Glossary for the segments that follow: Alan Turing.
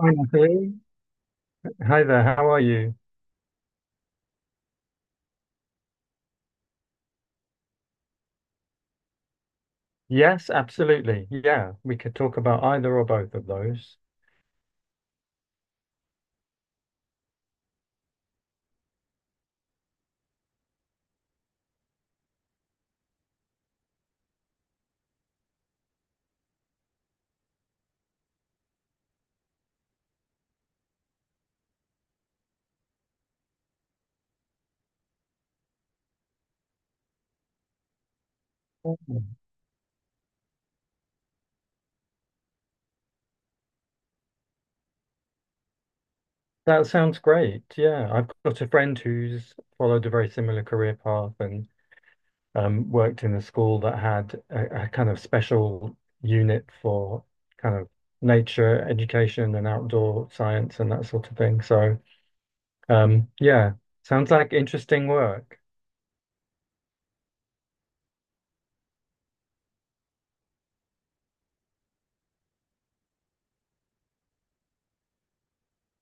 Hi, Matthew. Hi there. How are you? Yes, absolutely. Yeah, we could talk about either or both of those. Oh, that sounds great. Yeah, I've got a friend who's followed a very similar career path and worked in a school that had a kind of special unit for kind of nature education and outdoor science and that sort of thing. So, yeah, sounds like interesting work.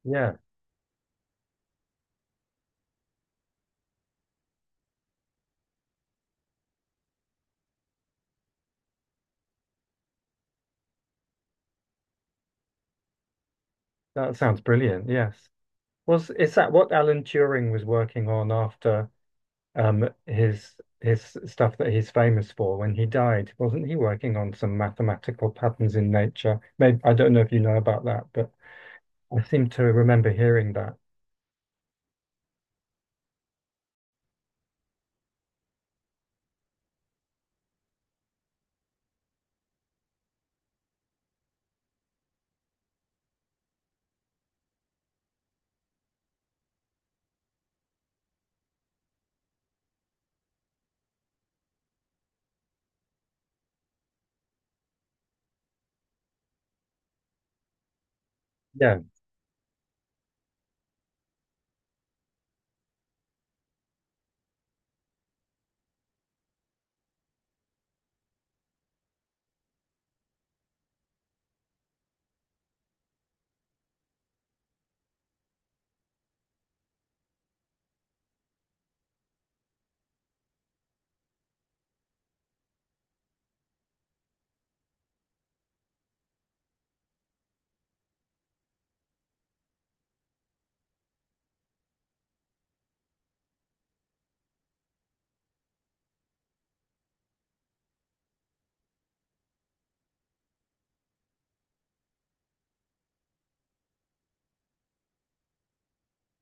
Yeah, that sounds brilliant. Yes. Was is that what Alan Turing was working on after his stuff that he's famous for when he died? Wasn't he working on some mathematical patterns in nature? Maybe I don't know if you know about that, but I seem to remember hearing that. Yeah.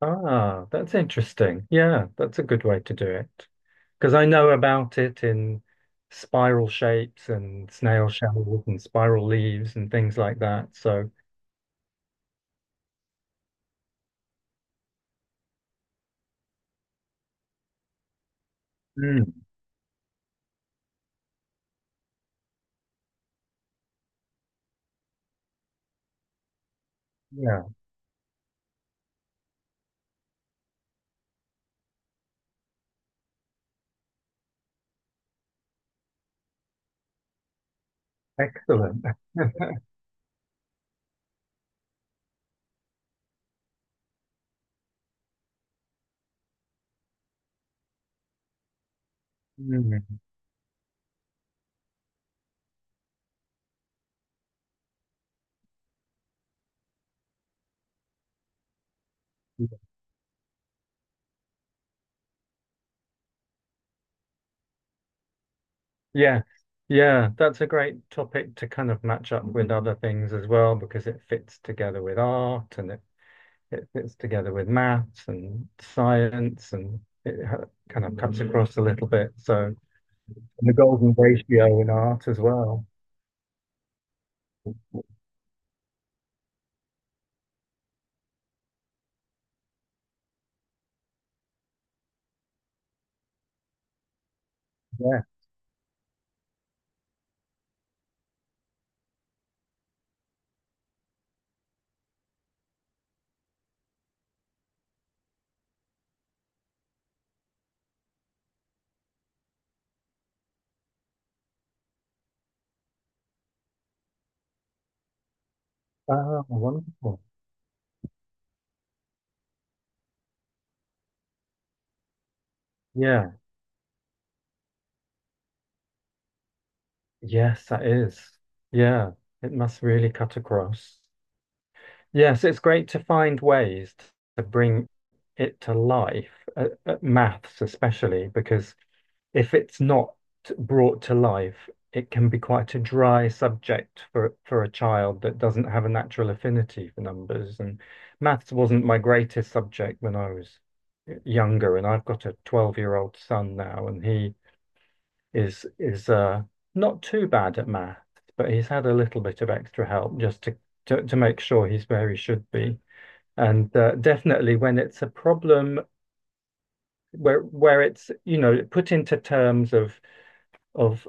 Ah, that's interesting. Yeah, that's a good way to do it. Because I know about it in spiral shapes and snail shells and spiral leaves and things like that. So, mm, yeah, excellent. Mm. Yeah, yeah, that's a great topic to kind of match up with other things as well because it fits together with art and it fits together with maths and science and it kind of cuts across a little bit. So and the golden ratio in art as well. Yeah. Ah, wonderful. Yeah. Yes, that is. Yeah, it must really cut across. Yes, it's great to find ways to bring it to life, maths especially, because if it's not brought to life, it can be quite a dry subject for a child that doesn't have a natural affinity for numbers. And maths wasn't my greatest subject when I was younger, and I've got a 12-year-old son now, and he is not too bad at maths, but he's had a little bit of extra help just to make sure he's where he should be. And definitely when it's a problem where it's, you know, put into terms of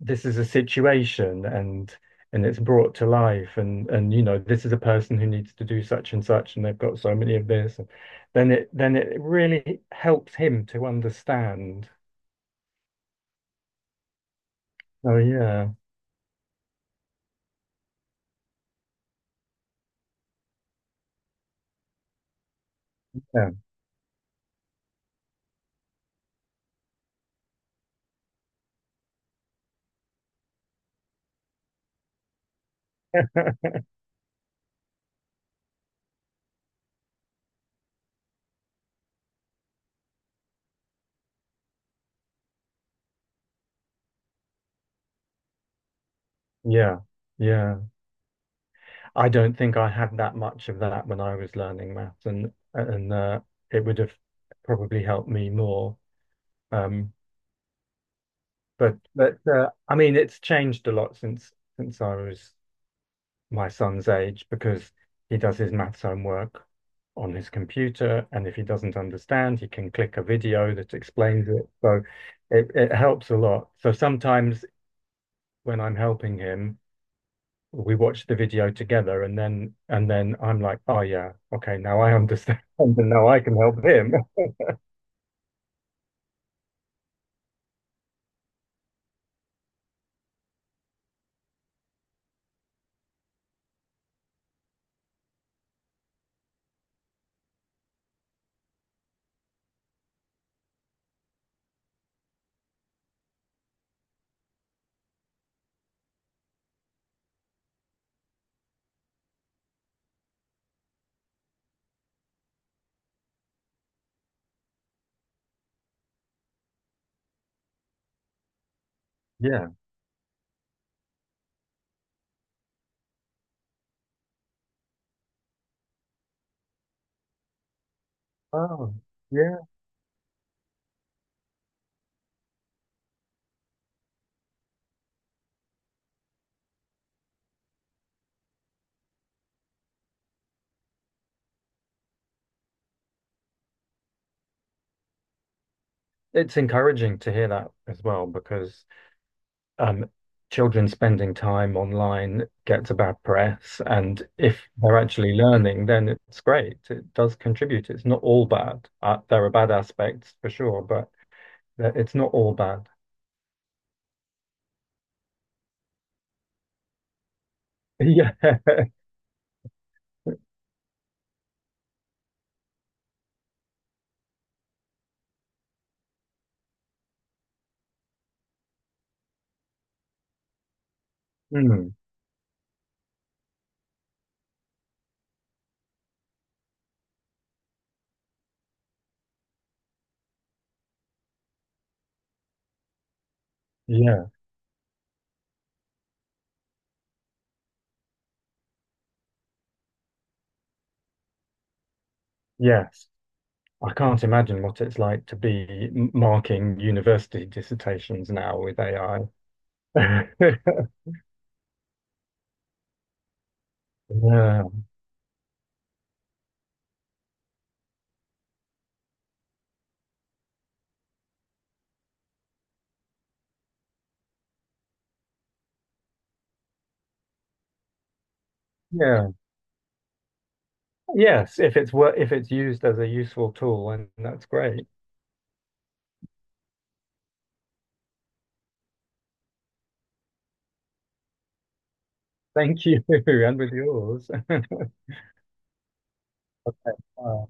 this is a situation, and it's brought to life, and, you know, this is a person who needs to do such and such and they've got so many of this, and then it really helps him to understand. Oh, yeah. Yeah. Yeah. Yeah, I don't think I had that much of that when I was learning maths and it would have probably helped me more, um but I mean it's changed a lot since I was my son's age because he does his maths homework on his computer, and if he doesn't understand, he can click a video that explains it. So it helps a lot. So sometimes when I'm helping him, we watch the video together, and then I'm like, oh yeah, okay, now I understand, and now I can help him. Yeah. Oh, yeah. It's encouraging to hear that as well because um, children spending time online gets a bad press. And if they're actually learning, then it's great. It does contribute. It's not all bad. There are bad aspects for sure, but it's not all bad. Yeah. Mm. Yeah. Yes. I can't imagine what it's like to be marking university dissertations now with AI. Yeah. Yeah. Yes. If it's wor if it's used as a useful tool, and that's great. Thank you. And with yours. Okay.